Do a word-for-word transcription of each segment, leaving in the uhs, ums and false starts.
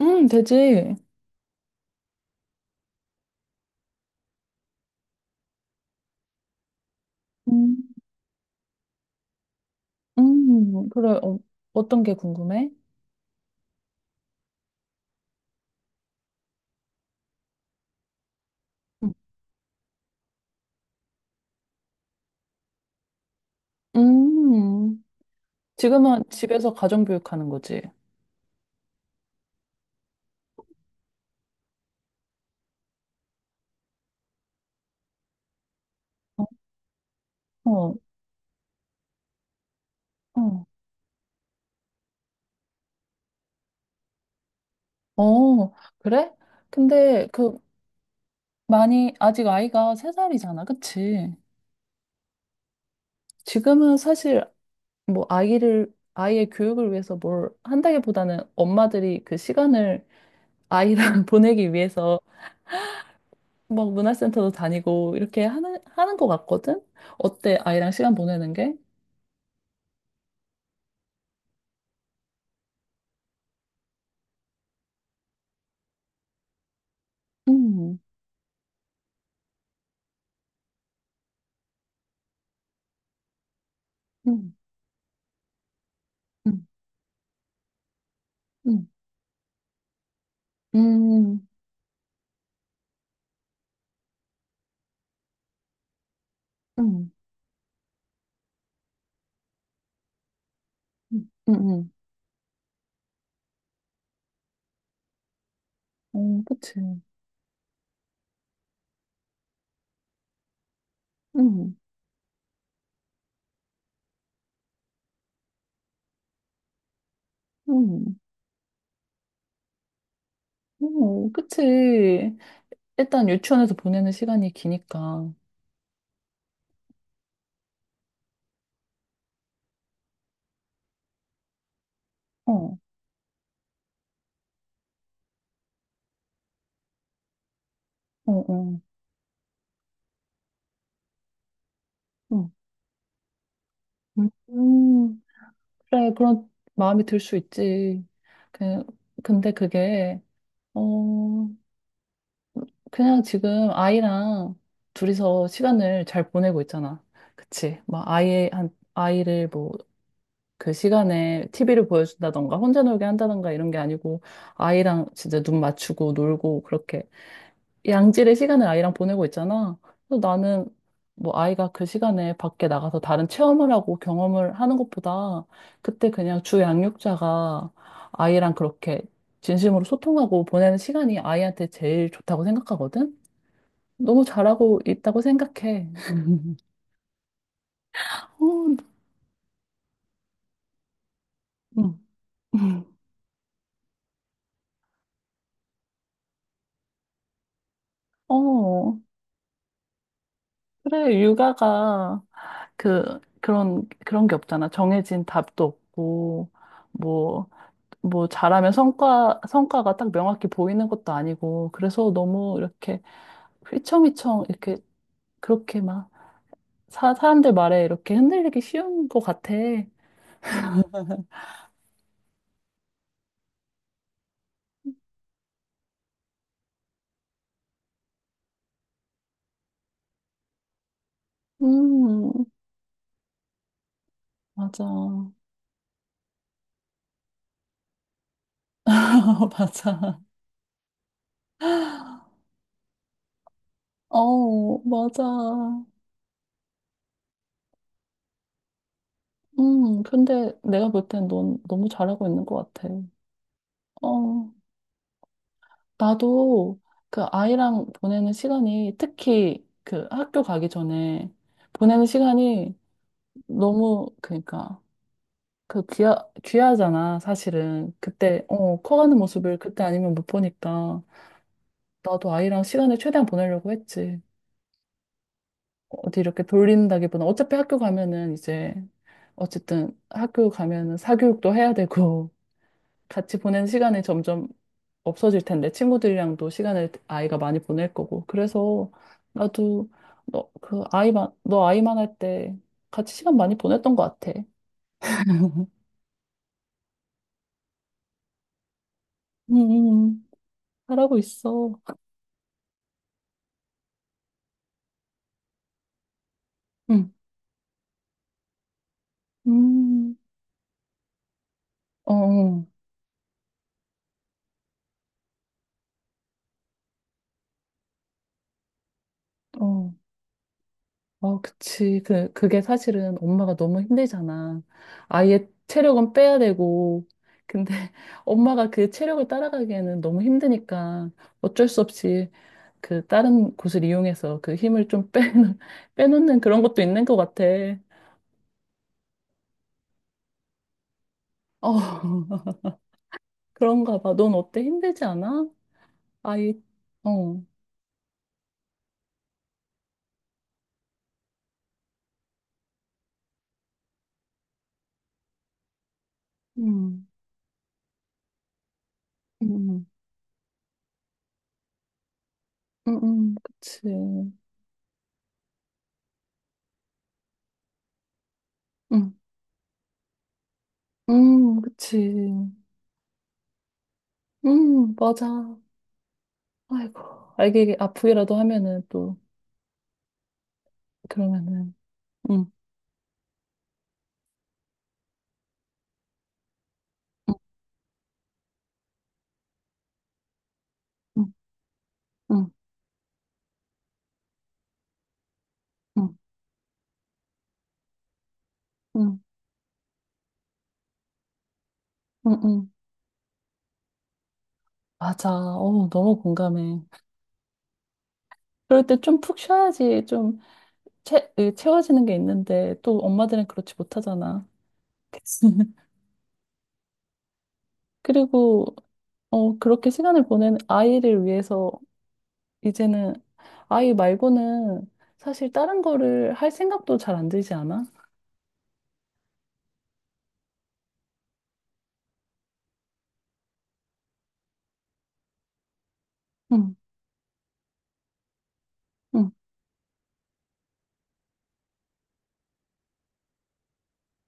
음, 되지. 음, 음, 그래. 어, 어떤 게 궁금해? 음, 음. 지금은 집에서 가정교육하는 거지. 어, 어, 어, 그래? 근데 그 많이 아직 아이가 세 살이잖아, 그치? 지금은 사실 뭐 아이를 아이의 교육을 위해서 뭘 한다기보다는 엄마들이 그 시간을 아이랑 보내기 위해서 막 문화센터도 다니고 이렇게 하는 하는 것 같거든? 어때? 아이랑 시간 보내는 게? 응, 응, 응, 음, 응, 응, 응, 어, 그치. 응, 응, 어, 그치. 일단 유치원에서 보내는 시간이 기니까. 어, 어, 어. 응, 응, 응, 그래, 그런 마음이 들 수 있지. 그, 근데 그게, 어, 그냥 지금 아이랑 둘이서 시간을 잘 보내고 있잖아. 그치. 막 아이, 한, 아이를 뭐 그 시간에 티비를 보여준다던가 혼자 놀게 한다던가 이런 게 아니고 아이랑 진짜 눈 맞추고 놀고 그렇게 양질의 시간을 아이랑 보내고 있잖아. 그래서 나는 뭐 아이가 그 시간에 밖에 나가서 다른 체험을 하고 경험을 하는 것보다 그때 그냥 주 양육자가 아이랑 그렇게 진심으로 소통하고 보내는 시간이 아이한테 제일 좋다고 생각하거든. 너무 잘하고 있다고 생각해. 어, 응. 어, 그래, 육아가 그, 그런, 그런 게 없잖아. 정해진 답도 없고, 뭐, 뭐, 잘하면 성과, 성과가 딱 명확히 보이는 것도 아니고, 그래서 너무 이렇게 휘청휘청, 이렇게, 그렇게 막, 사, 사람들 말에 이렇게 흔들리기 쉬운 것 같아. 음, 맞아. 맞아. 어, 맞아. 음, 근데 내가 볼 땐 넌 너무 잘하고 있는 것 같아. 어. 나도 그 아이랑 보내는 시간이 특히 그 학교 가기 전에 보내는 시간이 너무 그러니까 그 귀하, 귀하잖아, 사실은. 그때, 어, 커가는 모습을 그때 아니면 못 보니까 나도 아이랑 시간을 최대한 보내려고 했지. 어디 이렇게 돌린다기보다 어차피 학교 가면은 이제 어쨌든 학교 가면은 사교육도 해야 되고 같이 보낸 시간이 점점 없어질 텐데 친구들이랑도 시간을 아이가 많이 보낼 거고 그래서 나도 너 그 아이만 너 아이만 할 때 같이 시간 많이 보냈던 것 같아. 음, 음, 잘하고 있어. 음, 음, 어, 어, 어, 그치. 그, 그게 사실은 엄마가 너무 힘들잖아. 아이의 체력은 빼야 되고. 근데 엄마가 그 체력을 따라가기에는 너무 힘드니까 어쩔 수 없이 그 다른 곳을 이용해서 그 힘을 좀 빼놓, 빼놓는 그런 것도 있는 것 같아. 어, 그런가 봐. 넌 어때? 힘들지 않아? 아이, 어, 음, 음, 음, 음, 음. 그치. 음, 음, 그치. 음, 맞아. 아이고, 알게 아프기라도 하면은 또, 그러면은, 음, 음, 음, 음, 음, 음, 음. 음. 맞아. 어, 너무 공감해. 그럴 때 좀 푹 쉬어야지. 좀 채, 이 채워지는 게 있는데 또 엄마들은 그렇지 못하잖아. 그리고 어, 그렇게 시간을 보내는 아이를 위해서 이제는 아이 말고는 사실 다른 거를 할 생각도 잘 안 들지 않아? 응, 응,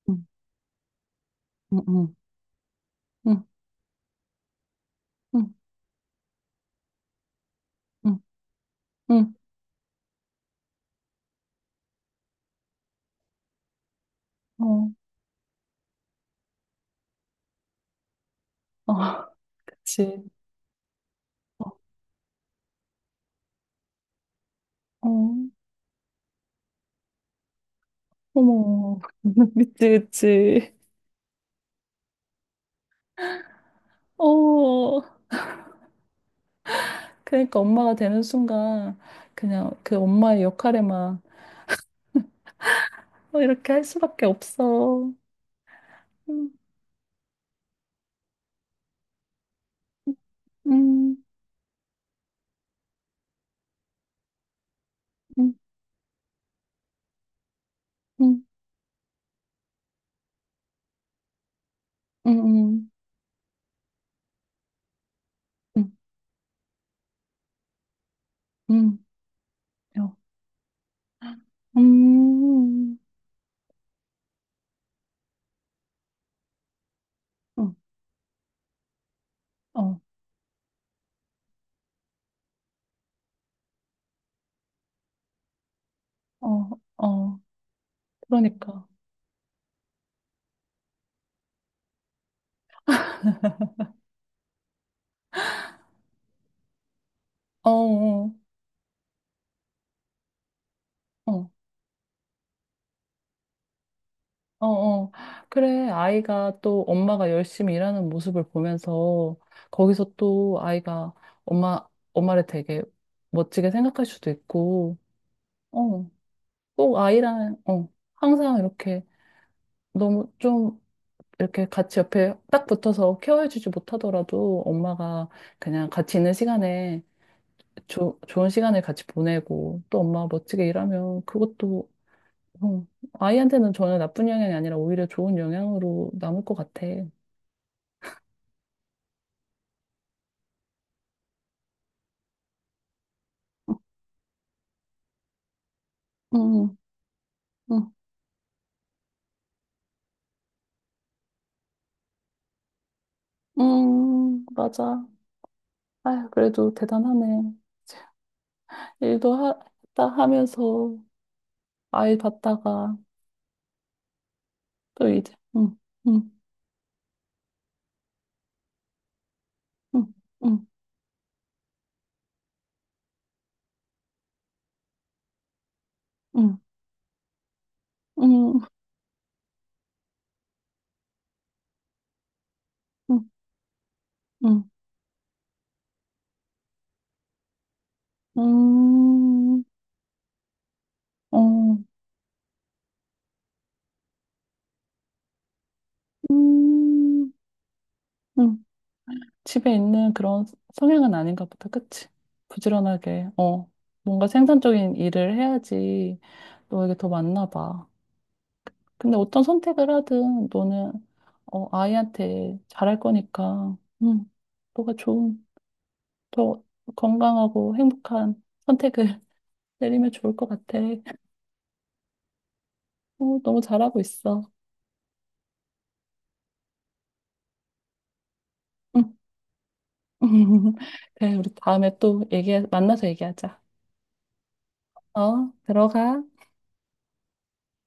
응, 응, 응, 응, 응, 응, 응, 어, 어, 그치. 어, 어, 어머. 그치, 그치. 어, 그러니까 엄마가 되는 순간 그냥 그 엄마의 역할에만 어, 이렇게 할 수밖에 없어. 음, 음, 음, 음, 음, 음, 음, 음, 어, 음, 어, 어, 어, 어. 그러니까. 어, 어, 어, 어. 어. 그래, 아이가 또 엄마가 열심히 일하는 모습을 보면서 거기서 또 아이가 엄마, 엄마를 되게 멋지게 생각할 수도 있고, 어, 꼭 아이랑, 어, 항상 이렇게 너무 좀 이렇게 같이 옆에 딱 붙어서 케어해주지 못하더라도 엄마가 그냥 같이 있는 시간에 조, 좋은 시간을 같이 보내고 또 엄마가 멋지게 일하면 그것도 어, 아이한테는 전혀 나쁜 영향이 아니라 오히려 좋은 영향으로 남을 것 같아. 응 응 응, 맞아. 아휴, 그래도 대단하네. 일도 하, 했다 하면서 아이 봤다가 또 이제, 응응응응응응응응응응 음, 음, 집에 있는 그런 성향은 아닌가 보다. 그치? 부지런하게, 어, 뭔가 생산적인 일을 해야지 너에게 더 맞나 봐. 근데 어떤 선택을 하든 너는, 어, 아이한테 잘할 거니까, 음, 너가 좋은, 더 건강하고 행복한 선택을 내리면 좋을 것 같아. 어, 너무 잘하고 있어. 응. 그래, 우리 다음에 또 얘기, 만나서 얘기하자. 어, 들어가.